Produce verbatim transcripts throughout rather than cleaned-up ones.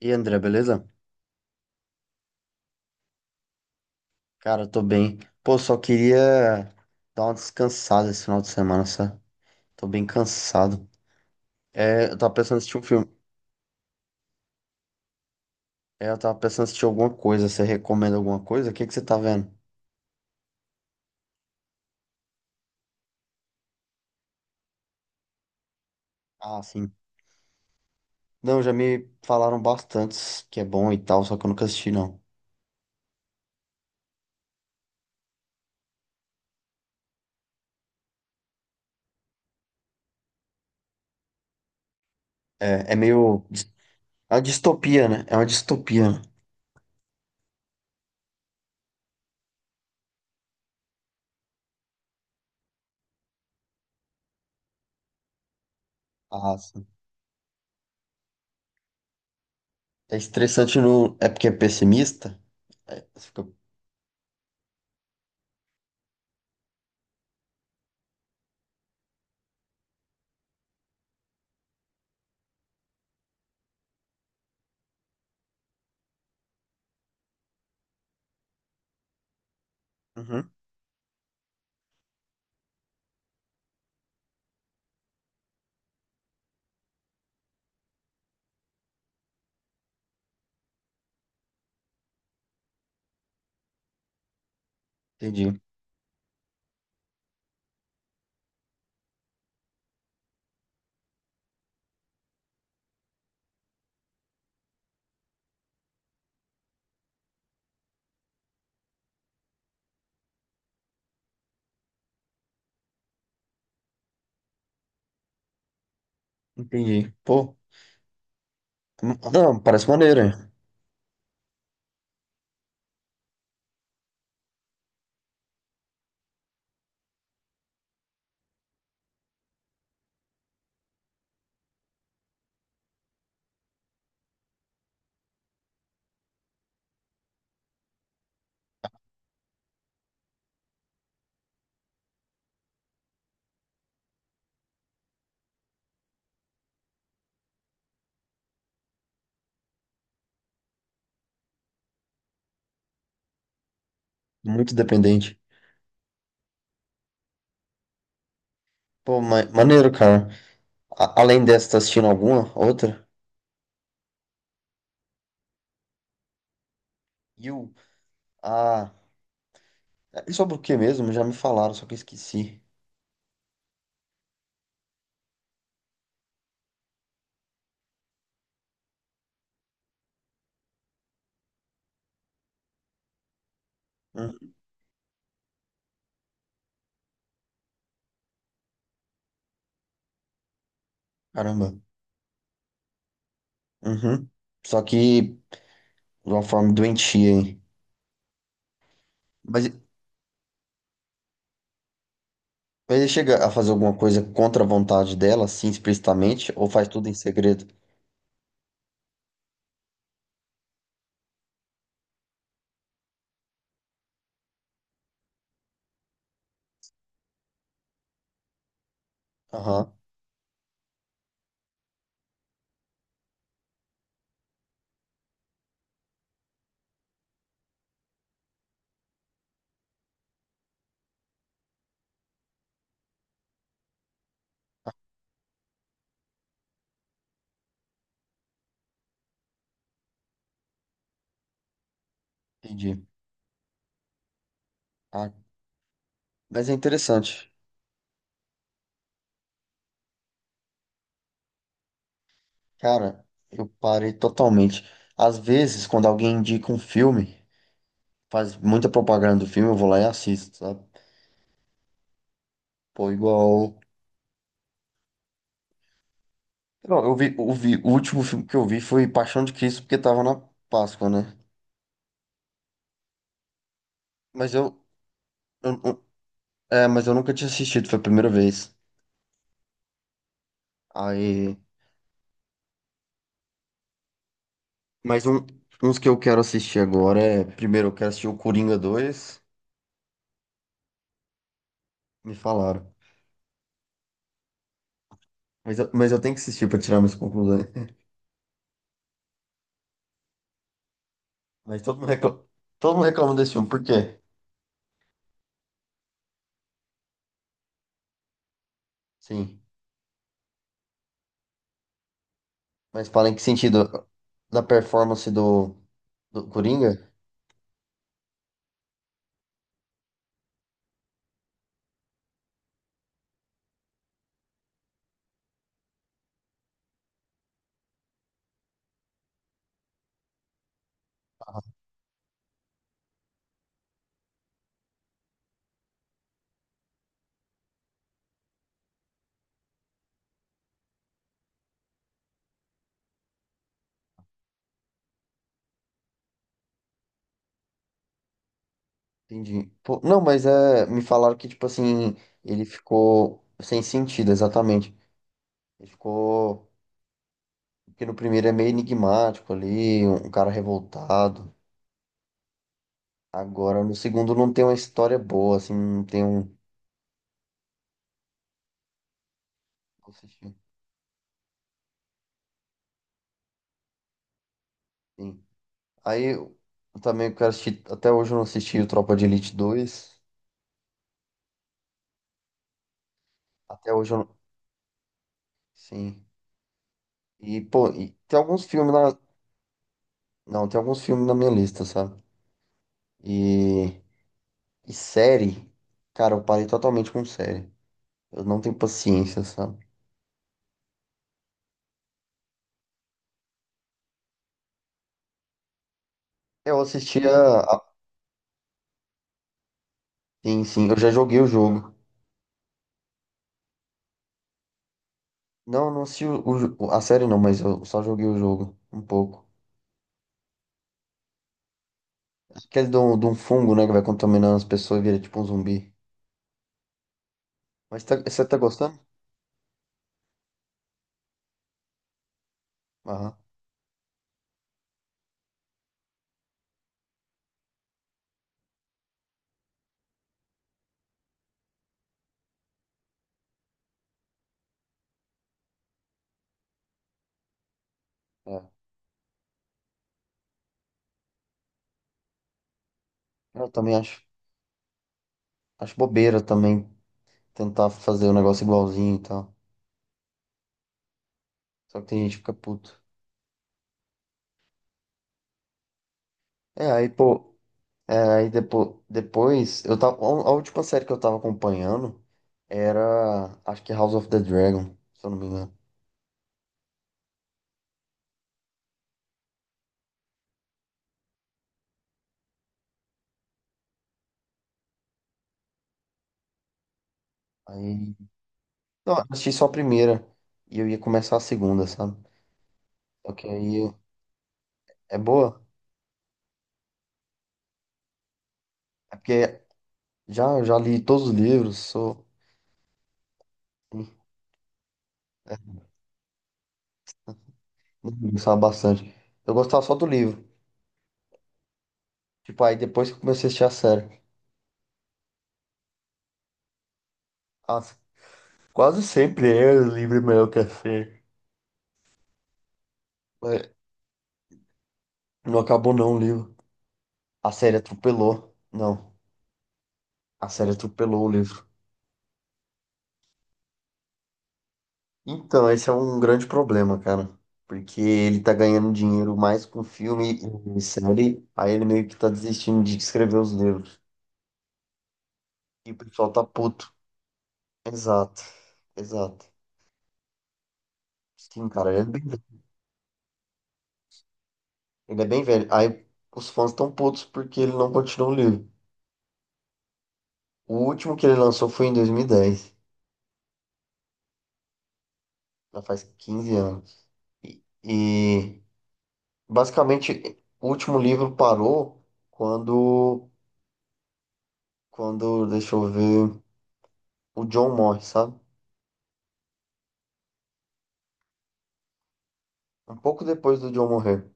E aí, André, beleza? Cara, eu tô bem. Pô, só queria dar uma descansada esse final de semana, sabe? Tô bem cansado. É, eu tava pensando em assistir um filme. É, eu tava pensando em assistir alguma coisa. Você recomenda alguma coisa? O que que você tá vendo? Ah, sim. Não, já me falaram bastante que é bom e tal, só que eu nunca assisti, não. É, é meio. É uma distopia, né? É uma distopia, né? Ah, sim. É estressante. No... É porque é pessimista? É, você fica- Uhum. Entendi. Entendi. Pô, m- não, parece maneiro, hein? Muito dependente. Pô, ma maneiro, cara. A- além dessa, tá assistindo alguma? Outra? You. Ah. E sobre o que mesmo? Já me falaram, só que eu esqueci. Hum, caramba. Uhum. Só que de uma forma doentia, hein? Mas, mas ele chega a fazer alguma coisa contra a vontade dela, assim, explicitamente, ou faz tudo em segredo? Aham, entendi. Ah, mas é interessante. Cara, eu parei totalmente. Às vezes, quando alguém indica um filme, faz muita propaganda do filme, eu vou lá e assisto, sabe? Pô, igual. Não, eu vi, eu vi, o último filme que eu vi foi Paixão de Cristo, porque tava na Páscoa, né? Mas eu, eu- eu- é, mas eu nunca tinha assistido, foi a primeira vez. Aí, mas um, uns que eu quero assistir agora é, primeiro eu quero assistir o Coringa dois. Me falaram. Mas eu, mas eu tenho que assistir pra tirar minhas conclusões. Mas todo mundo reclama, todo mundo reclama desse filme, por quê? Sim. Mas fala em que sentido? Da performance do, do Coringa? Entendi. Pô, não, mas é, me falaram que, tipo assim, ele ficou sem sentido, exatamente. Ele ficou. Porque no primeiro é meio enigmático ali, um cara revoltado. Agora no segundo não tem uma história boa, assim, não tem um. Vou assistir, sim. Aí eu também quero assistir. Até hoje eu não assisti o Tropa de Elite dois. Até hoje eu não. Sim. E, pô, e tem alguns filmes na. Não, tem alguns filmes na minha lista, sabe? E. E série, cara, eu parei totalmente com série. Eu não tenho paciência, sabe? Eu assistia. a- Sim, sim, eu já joguei o jogo. Não, não assisti o, o jo- a série não, mas eu só joguei o jogo um pouco. Aquele de um, de um fungo, né, que vai contaminando as pessoas e vira tipo um zumbi. Mas tá- você tá gostando? Aham. É. Eu também acho, acho bobeira também tentar fazer o negócio igualzinho e tal. Só que tem gente que fica puto. É, aí, pô, é, aí depo, depois, eu tava, a última série que eu tava acompanhando era, acho que House of the Dragon, se eu não me engano. Aí, não, eu assisti só a primeira e eu ia começar a segunda, sabe? Só que aí. É boa? É porque já, já li todos os livros, sou. Hum, hum, gostava bastante. Eu gostava só do livro. Tipo, aí depois que eu comecei a assistir a série. Nossa, quase sempre é o livro melhor que a série. Mas não acabou não o livro. A série atropelou. Não, a série atropelou o livro. Então, esse é um grande problema, cara. Porque ele tá ganhando dinheiro mais com filme e série. Aí ele meio que tá desistindo de escrever os livros. E o pessoal tá puto. Exato, exato. Sim, cara, ele é bem, ele é bem velho. Aí os fãs estão putos porque ele não continua o livro. O último que ele lançou foi em dois mil e dez. Já faz quinze anos. E, e, basicamente o último livro parou quando, quando, deixa eu ver, o John morre, sabe? Um pouco depois do John morrer.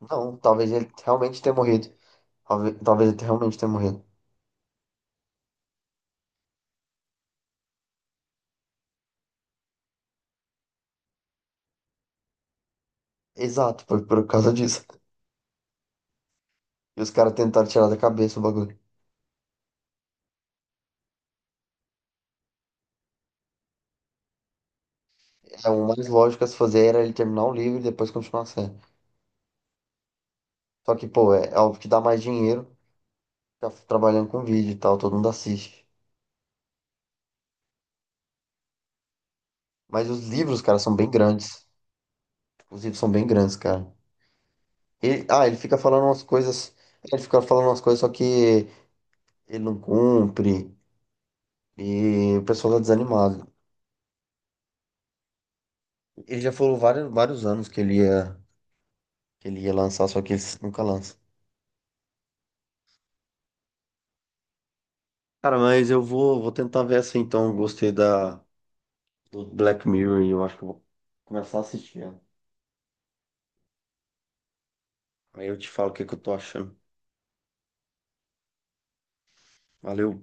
Não, talvez ele realmente tenha morrido. Talvez, talvez ele realmente tenha morrido. Exato, foi por causa disso. E os caras tentaram tirar da cabeça o bagulho. É, o mais lógico a se fazer era ele terminar o livro e depois continuar a série. Só que, pô, é, é óbvio que dá mais dinheiro ficar trabalhando com vídeo e tal, todo mundo assiste. Mas os livros, cara, são bem grandes. Os livros são bem grandes, cara. Ele, ah, ele fica falando umas coisas. Ele fica falando umas coisas, só que ele não cumpre. E o pessoal tá desanimado. Ele já falou vários, vários anos que ele ia, que ele ia lançar, só que ele nunca lança. Cara, mas eu vou, vou tentar ver essa então. Eu gostei da, do Black Mirror e eu acho que eu vou começar a assistir. Aí eu te falo o que que eu tô achando. Valeu.